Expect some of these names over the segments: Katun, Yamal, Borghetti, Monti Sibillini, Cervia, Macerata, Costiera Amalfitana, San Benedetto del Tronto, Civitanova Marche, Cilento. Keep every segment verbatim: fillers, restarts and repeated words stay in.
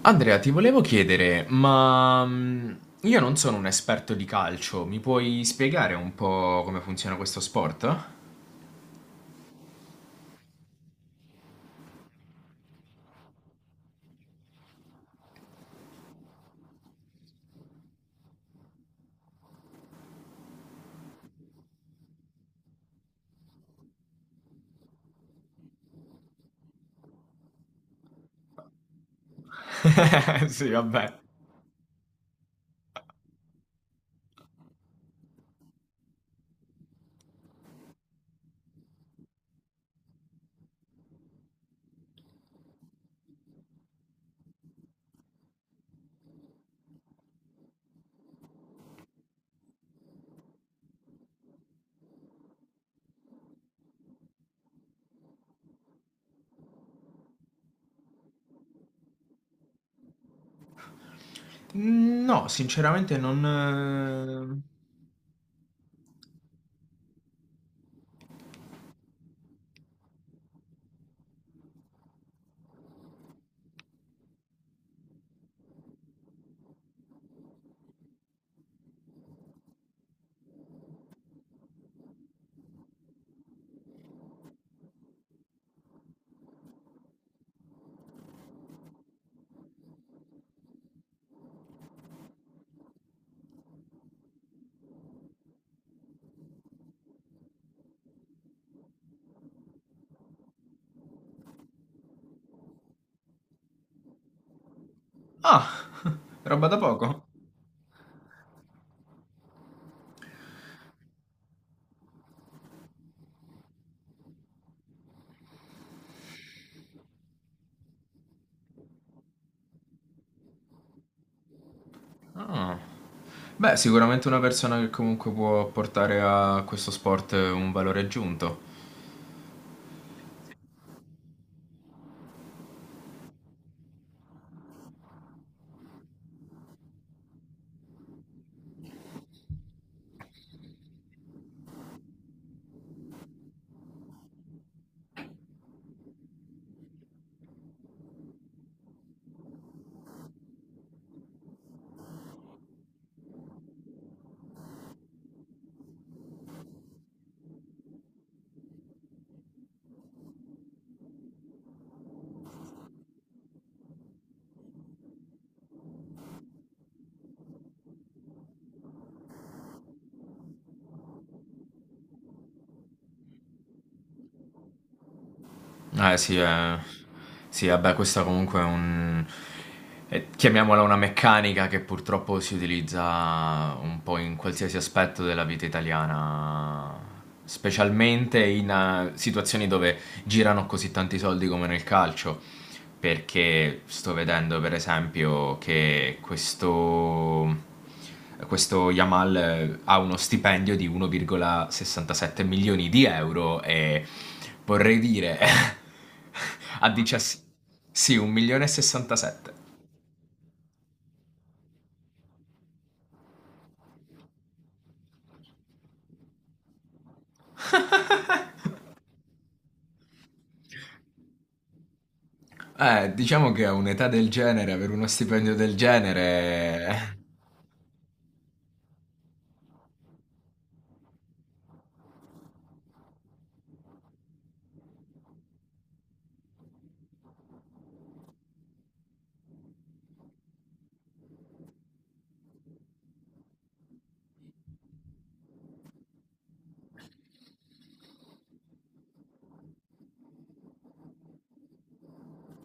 Andrea, ti volevo chiedere, ma mm, io non sono un esperto di calcio, mi puoi spiegare un po' come funziona questo sport? Sì, vabbè. Mm, no, sinceramente non. Eh. Ah, roba da poco? Ah. Beh, sicuramente una persona che comunque può portare a questo sport un valore aggiunto. Eh sì, eh. Sì, vabbè, questa comunque è un... eh, chiamiamola una meccanica che purtroppo si utilizza un po' in qualsiasi aspetto della vita italiana, specialmente in eh, situazioni dove girano così tanti soldi come nel calcio. Perché sto vedendo, per esempio, che questo. Questo Yamal eh, ha uno stipendio di uno virgola sessantasette milioni di euro e vorrei dire a diciassette. Sì, un milione e sessantasette. Eh, diciamo che a un'età del genere, avere uno stipendio del genere.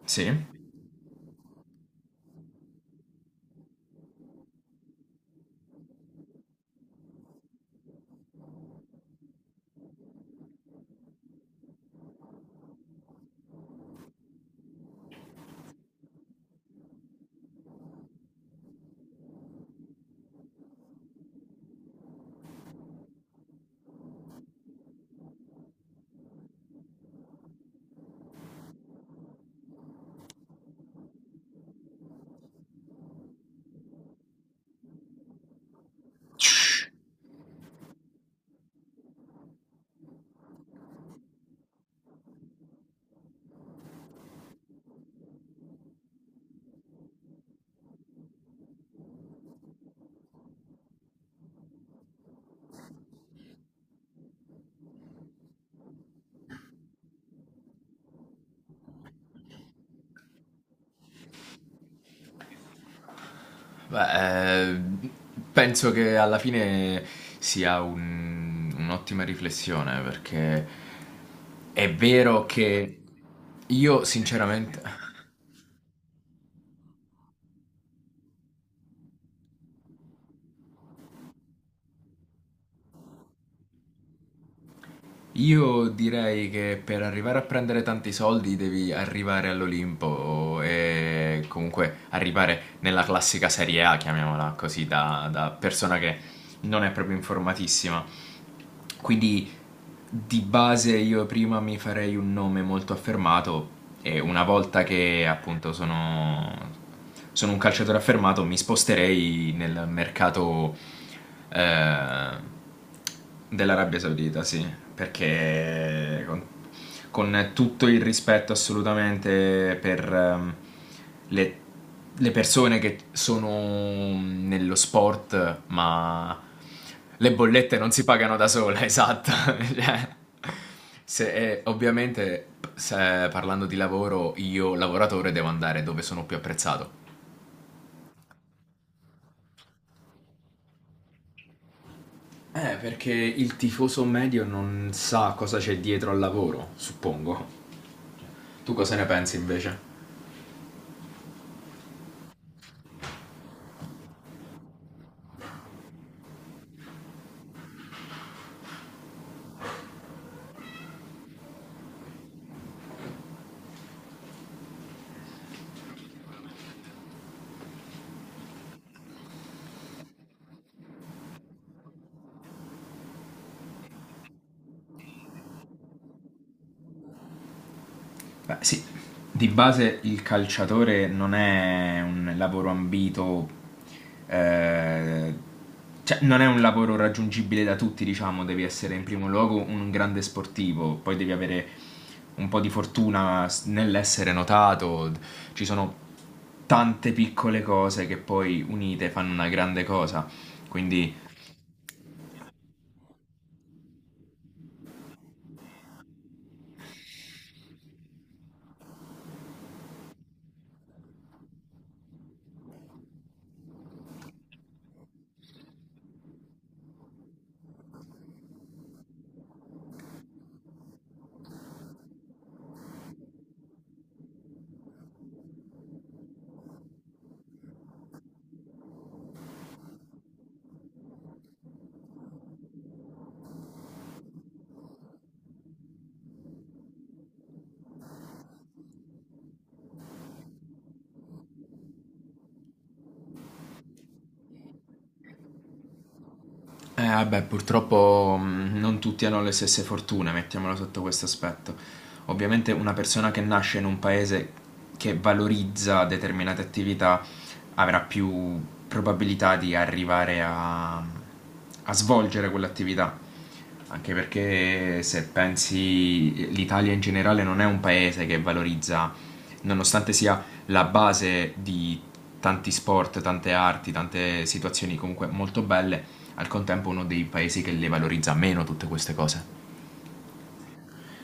Sì. Beh, eh, penso che alla fine sia un- un'ottima riflessione perché è vero che io sinceramente, io direi che per arrivare a prendere tanti soldi devi arrivare all'Olimpo e comunque arrivare nella classica Serie A, chiamiamola così, da, da persona che non è proprio informatissima. Quindi di base io prima mi farei un nome molto affermato e una volta che appunto sono, sono un calciatore affermato mi sposterei nel mercato eh, dell'Arabia Saudita, sì, perché con, con tutto il rispetto assolutamente per ehm, le, le persone che sono nello sport ma le bollette non si pagano da sole, esatto. Cioè, se- eh, ovviamente, se- parlando di lavoro, io lavoratore devo andare dove sono più apprezzato. Eh, perché il tifoso medio non sa cosa c'è dietro al lavoro, suppongo. Tu cosa ne pensi invece? Beh, sì, di base il calciatore non è un lavoro ambito, eh, cioè non è un lavoro raggiungibile da tutti, diciamo, devi essere in primo luogo un grande sportivo, poi devi avere un po' di fortuna s- nell'essere notato, ci sono tante piccole cose che poi unite fanno una grande cosa, quindi. Eh, vabbè, purtroppo mh, non tutti hanno le stesse fortune, mettiamola sotto questo aspetto. Ovviamente una persona che nasce in un paese che valorizza determinate attività avrà più probabilità di arrivare a, a svolgere quell'attività. Anche perché se pensi l'Italia in generale non è un paese che valorizza, nonostante sia la base di tanti sport, tante arti, tante situazioni comunque molto belle, al contempo uno dei paesi che le valorizza meno tutte queste cose.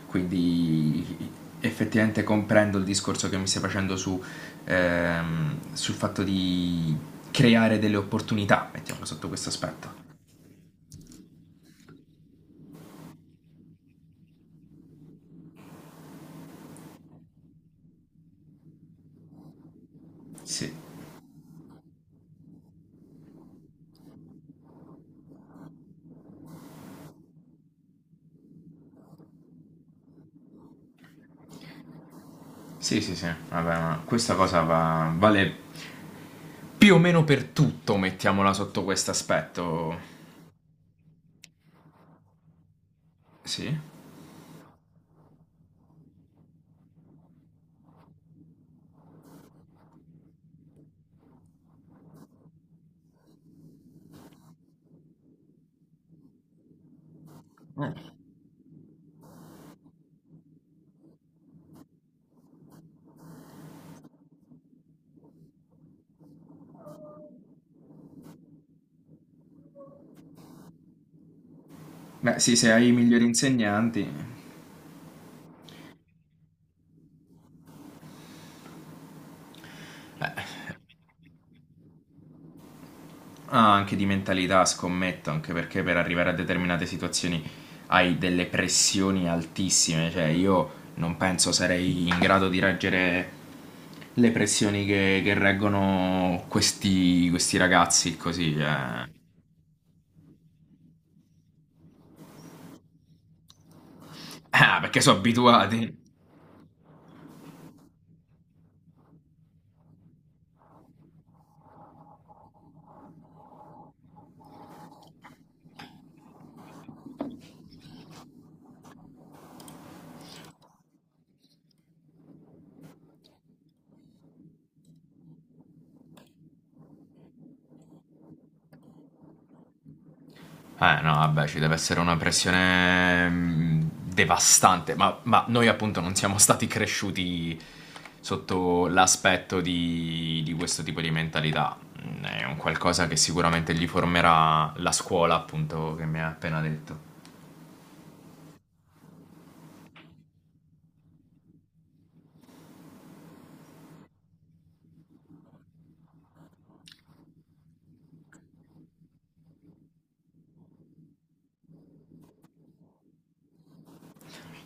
Quindi effettivamente comprendo il discorso che mi stai facendo su, ehm, sul fatto di creare delle opportunità, mettiamolo sotto questo aspetto. Sì, sì, sì, sì. Vabbè, ma questa cosa va- vale più o meno per tutto, mettiamola sotto questo aspetto. Sì? Beh, sì, se hai i migliori insegnanti. Ah, anche di mentalità, scommetto, anche perché per arrivare a determinate situazioni hai delle pressioni altissime, cioè io non penso sarei in grado di reggere le pressioni che, che reggono questi, questi ragazzi così, eh. Ah, perché sono abituati. Eh no, vabbè, ci deve essere una pressione mm, devastante, ma, ma noi appunto non siamo stati cresciuti sotto l'aspetto di, di questo tipo di mentalità. Mm, È un qualcosa che sicuramente gli formerà la scuola, appunto, che mi ha appena detto.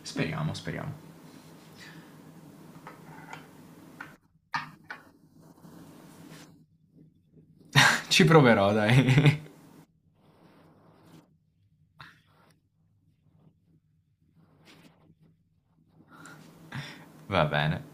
Speriamo, speriamo. Ci proverò, dai. Va bene.